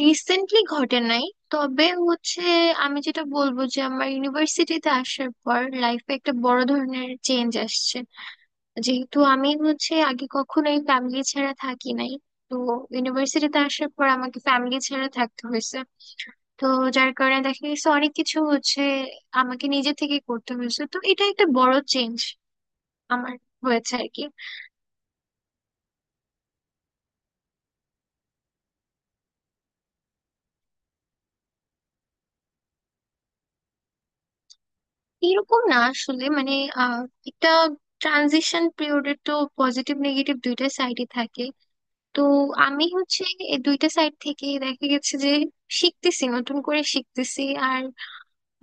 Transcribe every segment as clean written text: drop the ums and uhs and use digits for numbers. Recently ঘটে নাই, তবে হচ্ছে আমি যেটা বলবো যে আমার ইউনিভার্সিটিতে আসার পর লাইফে একটা বড় ধরনের চেঞ্জ আসছে, যেহেতু আমি হচ্ছে আগে কখনোই ফ্যামিলি ছাড়া থাকি নাই। তো ইউনিভার্সিটিতে আসার পর আমাকে ফ্যামিলি ছাড়া থাকতে হয়েছে। তো যার কারণে দেখা গেছে অনেক কিছু হচ্ছে আমাকে নিজে থেকে করতে হয়েছে। তো এটা একটা বড় চেঞ্জ আমার হয়েছে আর কি। এরকম না আসলে, মানে আহ একটা ট্রানজিশন পিরিয়ডের তো পজিটিভ নেগেটিভ দুইটা সাইডই থাকে। তো আমি হচ্ছে এই দুইটা সাইড থেকে দেখা গেছে যে শিখতেছি, নতুন করে শিখতেছি। আর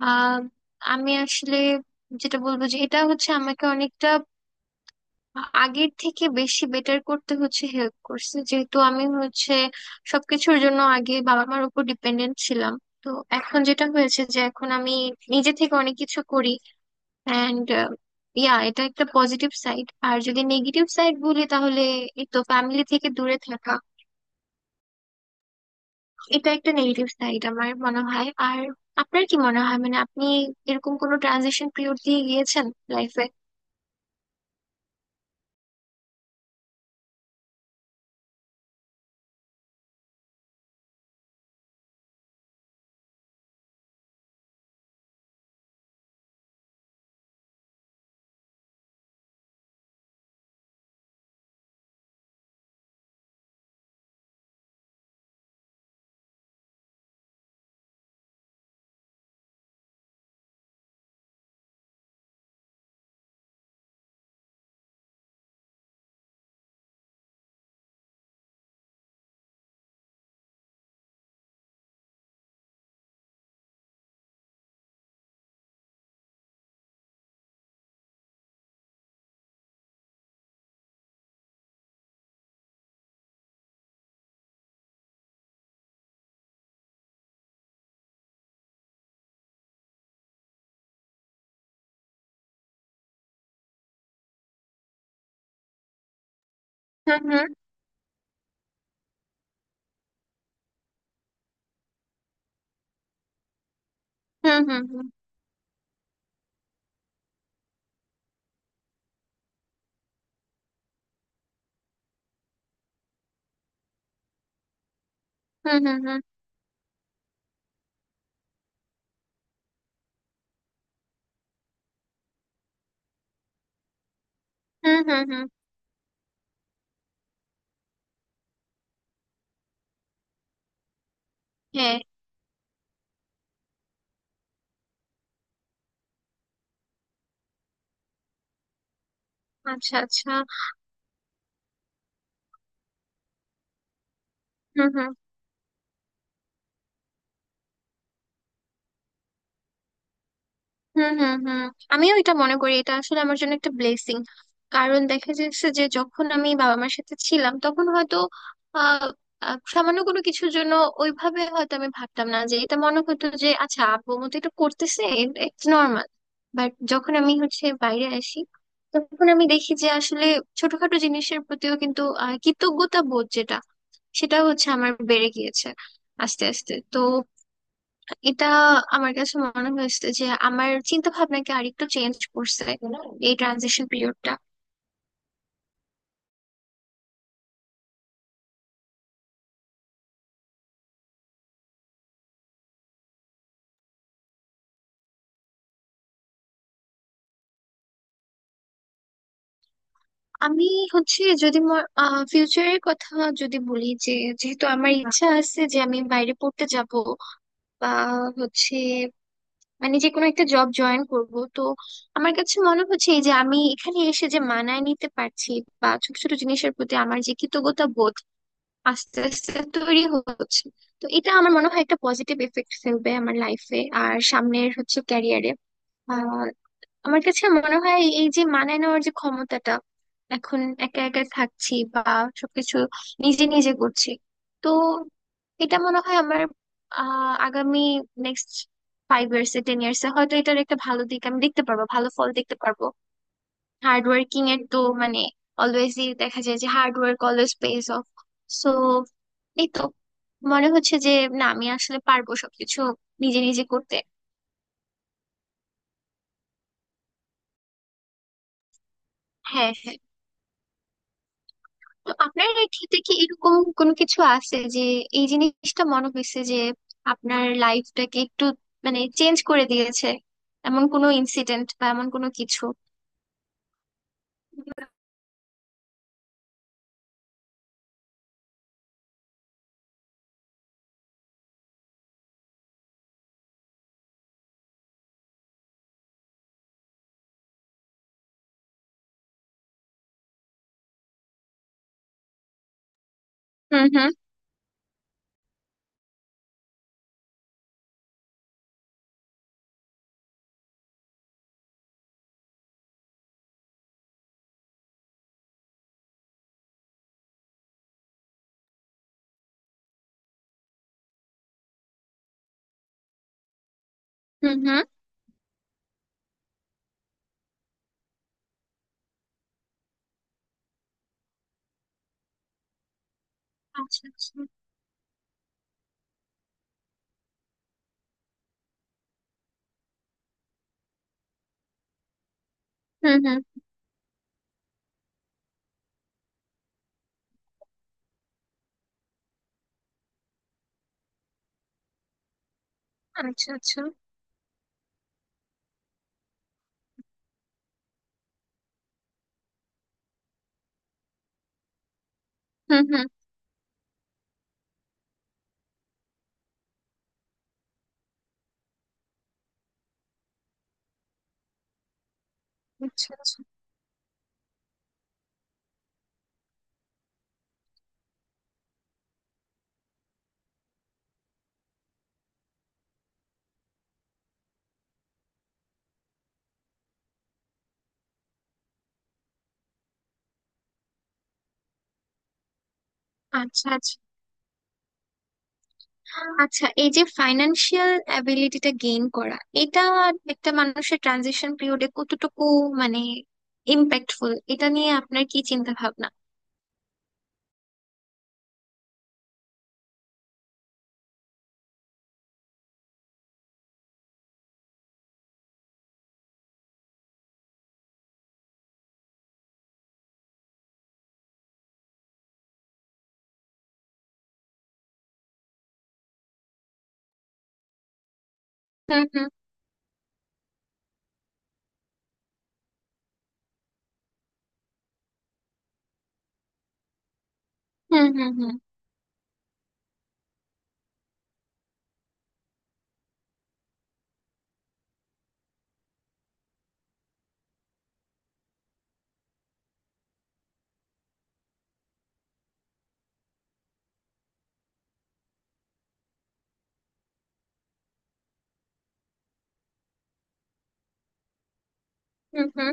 আহ, আমি আসলে যেটা বলবো যে এটা হচ্ছে আমাকে অনেকটা আগের থেকে বেশি বেটার করতে হচ্ছে, হেল্প করছে, যেহেতু আমি হচ্ছে সবকিছুর জন্য আগে বাবা মার উপর ডিপেন্ডেন্ট ছিলাম। তো এখন যেটা হয়েছে যে এখন আমি নিজে থেকে অনেক কিছু করি। অ্যান্ড ইয়া, এটা একটা পজিটিভ সাইড। আর যদি নেগেটিভ সাইড বলি তাহলে এই তো ফ্যামিলি থেকে দূরে থাকা, এটা একটা নেগেটিভ সাইড আমার মনে হয়। আর আপনার কি মনে হয়, মানে আপনি এরকম কোনো ট্রানজিশন পিরিয়ড দিয়ে গিয়েছেন লাইফে? হুম হুম হুম হুম হুম হুম হুম হুম হুম হুম হুম। হ্যাঁ। আচ্ছা আচ্ছা। হুম হুম হুম হুম হুম। আমিও এটা মনে করি, এটা আসলে আমার জন্য একটা ব্লেসিং। কারণ দেখা যাচ্ছে যে যখন আমি বাবা মার সাথে ছিলাম তখন হয়তো আহ আহ, সামান্য কোনো কিছুর জন্য ওইভাবে হয়তো আমি ভাবতাম না, যে এটা মনে হতো যে আচ্ছা আব্বু মতো এটা করতেছে, ইটস নর্মাল। বাট যখন আমি হচ্ছে বাইরে আসি তখন আমি দেখি যে আসলে ছোটখাটো জিনিসের প্রতিও কিন্তু কৃতজ্ঞতা বোধ যেটা, সেটা হচ্ছে আমার বেড়ে গিয়েছে আস্তে আস্তে। তো এটা আমার কাছে মনে হয়েছে যে আমার চিন্তা ভাবনাকে আরেকটু চেঞ্জ করছে এই ট্রানজিশন পিরিয়ডটা। আমি হচ্ছে যদি ফিউচারের কথা যদি বলি, যে যেহেতু আমার ইচ্ছা আছে যে আমি বাইরে পড়তে যাব বা হচ্ছে মানে যে কোনো একটা জব জয়েন করব, তো আমার কাছে মনে হচ্ছে এই যে আমি এখানে এসে যে মানায় নিতে পারছি বা ছোট ছোট জিনিসের প্রতি আমার যে কৃতজ্ঞতা বোধ আস্তে আস্তে তৈরি হচ্ছে, তো এটা আমার মনে হয় একটা পজিটিভ এফেক্ট ফেলবে আমার লাইফে আর সামনের হচ্ছে ক্যারিয়ারে। আহ আমার কাছে মনে হয় এই যে মানায় নেওয়ার যে ক্ষমতাটা, এখন একা একা থাকছি বা সবকিছু নিজে নিজে করছি, তো এটা মনে হয় আমার আগামী নেক্সট ফাইভ ইয়ার্স এ টেন ইয়ার্স এ হয়তো এটার একটা ভালো দিক আমি দেখতে পারবো, ভালো ফল দেখতে পারবো। হার্ড ওয়ার্কিং এর তো মানে অলওয়েজই দেখা যায় যে hard work always pays off. So এই তো মনে হচ্ছে যে না, আমি আসলে পারবো সবকিছু নিজে নিজে করতে। হ্যাঁ হ্যাঁ। তো আপনার ক্ষেত্রে কি এরকম কোনো কিছু আছে, যে এই জিনিসটা মনে হয়েছে যে আপনার লাইফটাকে একটু মানে চেঞ্জ করে দিয়েছে, এমন কোনো ইনসিডেন্ট বা এমন কোনো কিছু? হুম হুম হুম হুম। আচ্ছা আচ্ছা। হুম হুম। আচ্ছা আচ্ছা। হুম হুম। আচ্ছা আচ্ছা। আচ্ছা আচ্ছা। আচ্ছা এই যে ফাইন্যান্সিয়াল অ্যাবিলিটিটা গেইন করা, এটা একটা মানুষের ট্রানজিশন পিরিয়ডে কতটুকু মানে ইম্প্যাক্টফুল, এটা নিয়ে আপনার কি চিন্তা ভাবনা? হুম হুম হুম হুম হুম হুম হুম।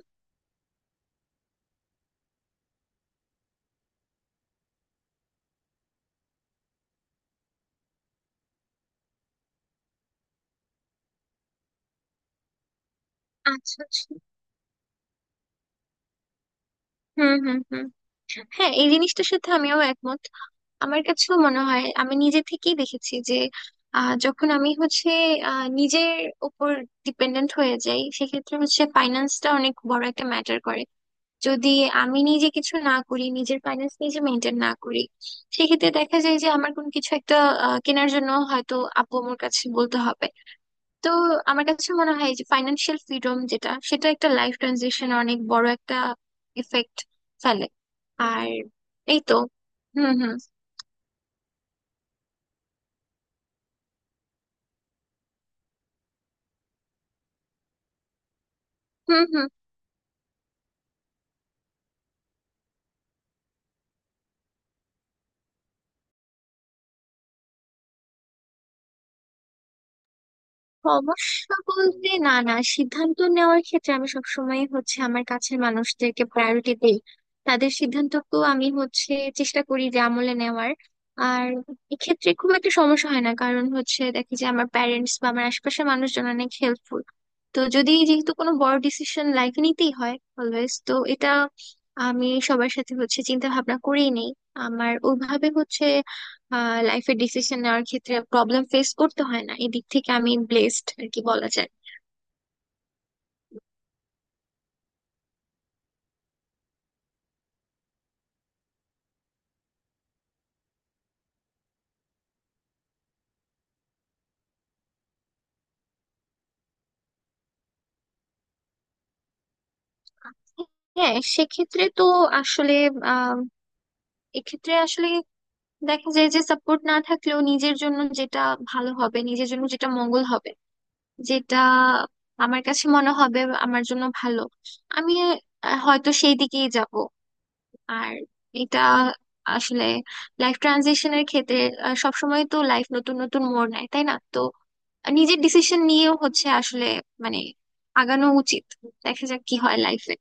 আচ্ছা আচ্ছা। হুম হুম হুম। হ্যাঁ এই জিনিসটার সাথে আমিও একমত। আমার কাছেও মনে হয়, আমি নিজে থেকেই দেখেছি যে যখন আমি হচ্ছে নিজের উপর ডিপেন্ডেন্ট হয়ে যাই সেক্ষেত্রে হচ্ছে ফাইন্যান্সটা অনেক বড় একটা ম্যাটার করে। যদি আমি নিজে কিছু না করি, নিজের ফাইন্যান্স নিজে মেনটেন না করি, সেক্ষেত্রে দেখা যায় যে আমার কোনো কিছু একটা কেনার জন্য হয়তো আপু আমার কাছে বলতে হবে। তো আমার কাছে মনে হয় যে ফাইন্যান্সিয়াল ফ্রিডম যেটা, সেটা একটা লাইফ ট্রানজিশন অনেক বড় একটা এফেক্ট ফেলে আর এই তো। হুম হুম হুম হুম। সমস্যা বলতে না না, সিদ্ধান্ত নেওয়ার ক্ষেত্রে আমি সবসময় হচ্ছে আমার কাছের মানুষদেরকে প্রায়োরিটি দেই, তাদের সিদ্ধান্তকেও আমি হচ্ছে চেষ্টা করি যে আমলে নেওয়ার। আর এক্ষেত্রে খুব একটা সমস্যা হয় না, কারণ হচ্ছে দেখি যে আমার প্যারেন্টস বা আমার আশেপাশের মানুষজন অনেক হেল্পফুল। তো যদি যেহেতু কোনো বড় ডিসিশন লাইফে নিতেই হয় অলওয়েজ, তো এটা আমি সবার সাথে হচ্ছে চিন্তা ভাবনা করেই নেই। আমার ওইভাবে হচ্ছে লাইফের ডিসিশন নেওয়ার ক্ষেত্রে প্রবলেম ফেস করতে হয় না, এদিক থেকে আমি ব্লেসড আর কি বলা যায়। হ্যাঁ সেক্ষেত্রে তো আসলে আহ এক্ষেত্রে আসলে দেখা যায় যে সাপোর্ট না থাকলেও নিজের জন্য যেটা ভালো হবে, নিজের জন্য যেটা মঙ্গল হবে, যেটা আমার কাছে মনে হবে আমার জন্য ভালো, আমি হয়তো সেই দিকেই যাব। আর এটা আসলে লাইফ ট্রানজিশনের ক্ষেত্রে সবসময় তো লাইফ নতুন নতুন মোড় নেয় তাই না, তো নিজের ডিসিশন নিয়েও হচ্ছে আসলে মানে আগানো উচিত। দেখা যাক কি হয় লাইফে।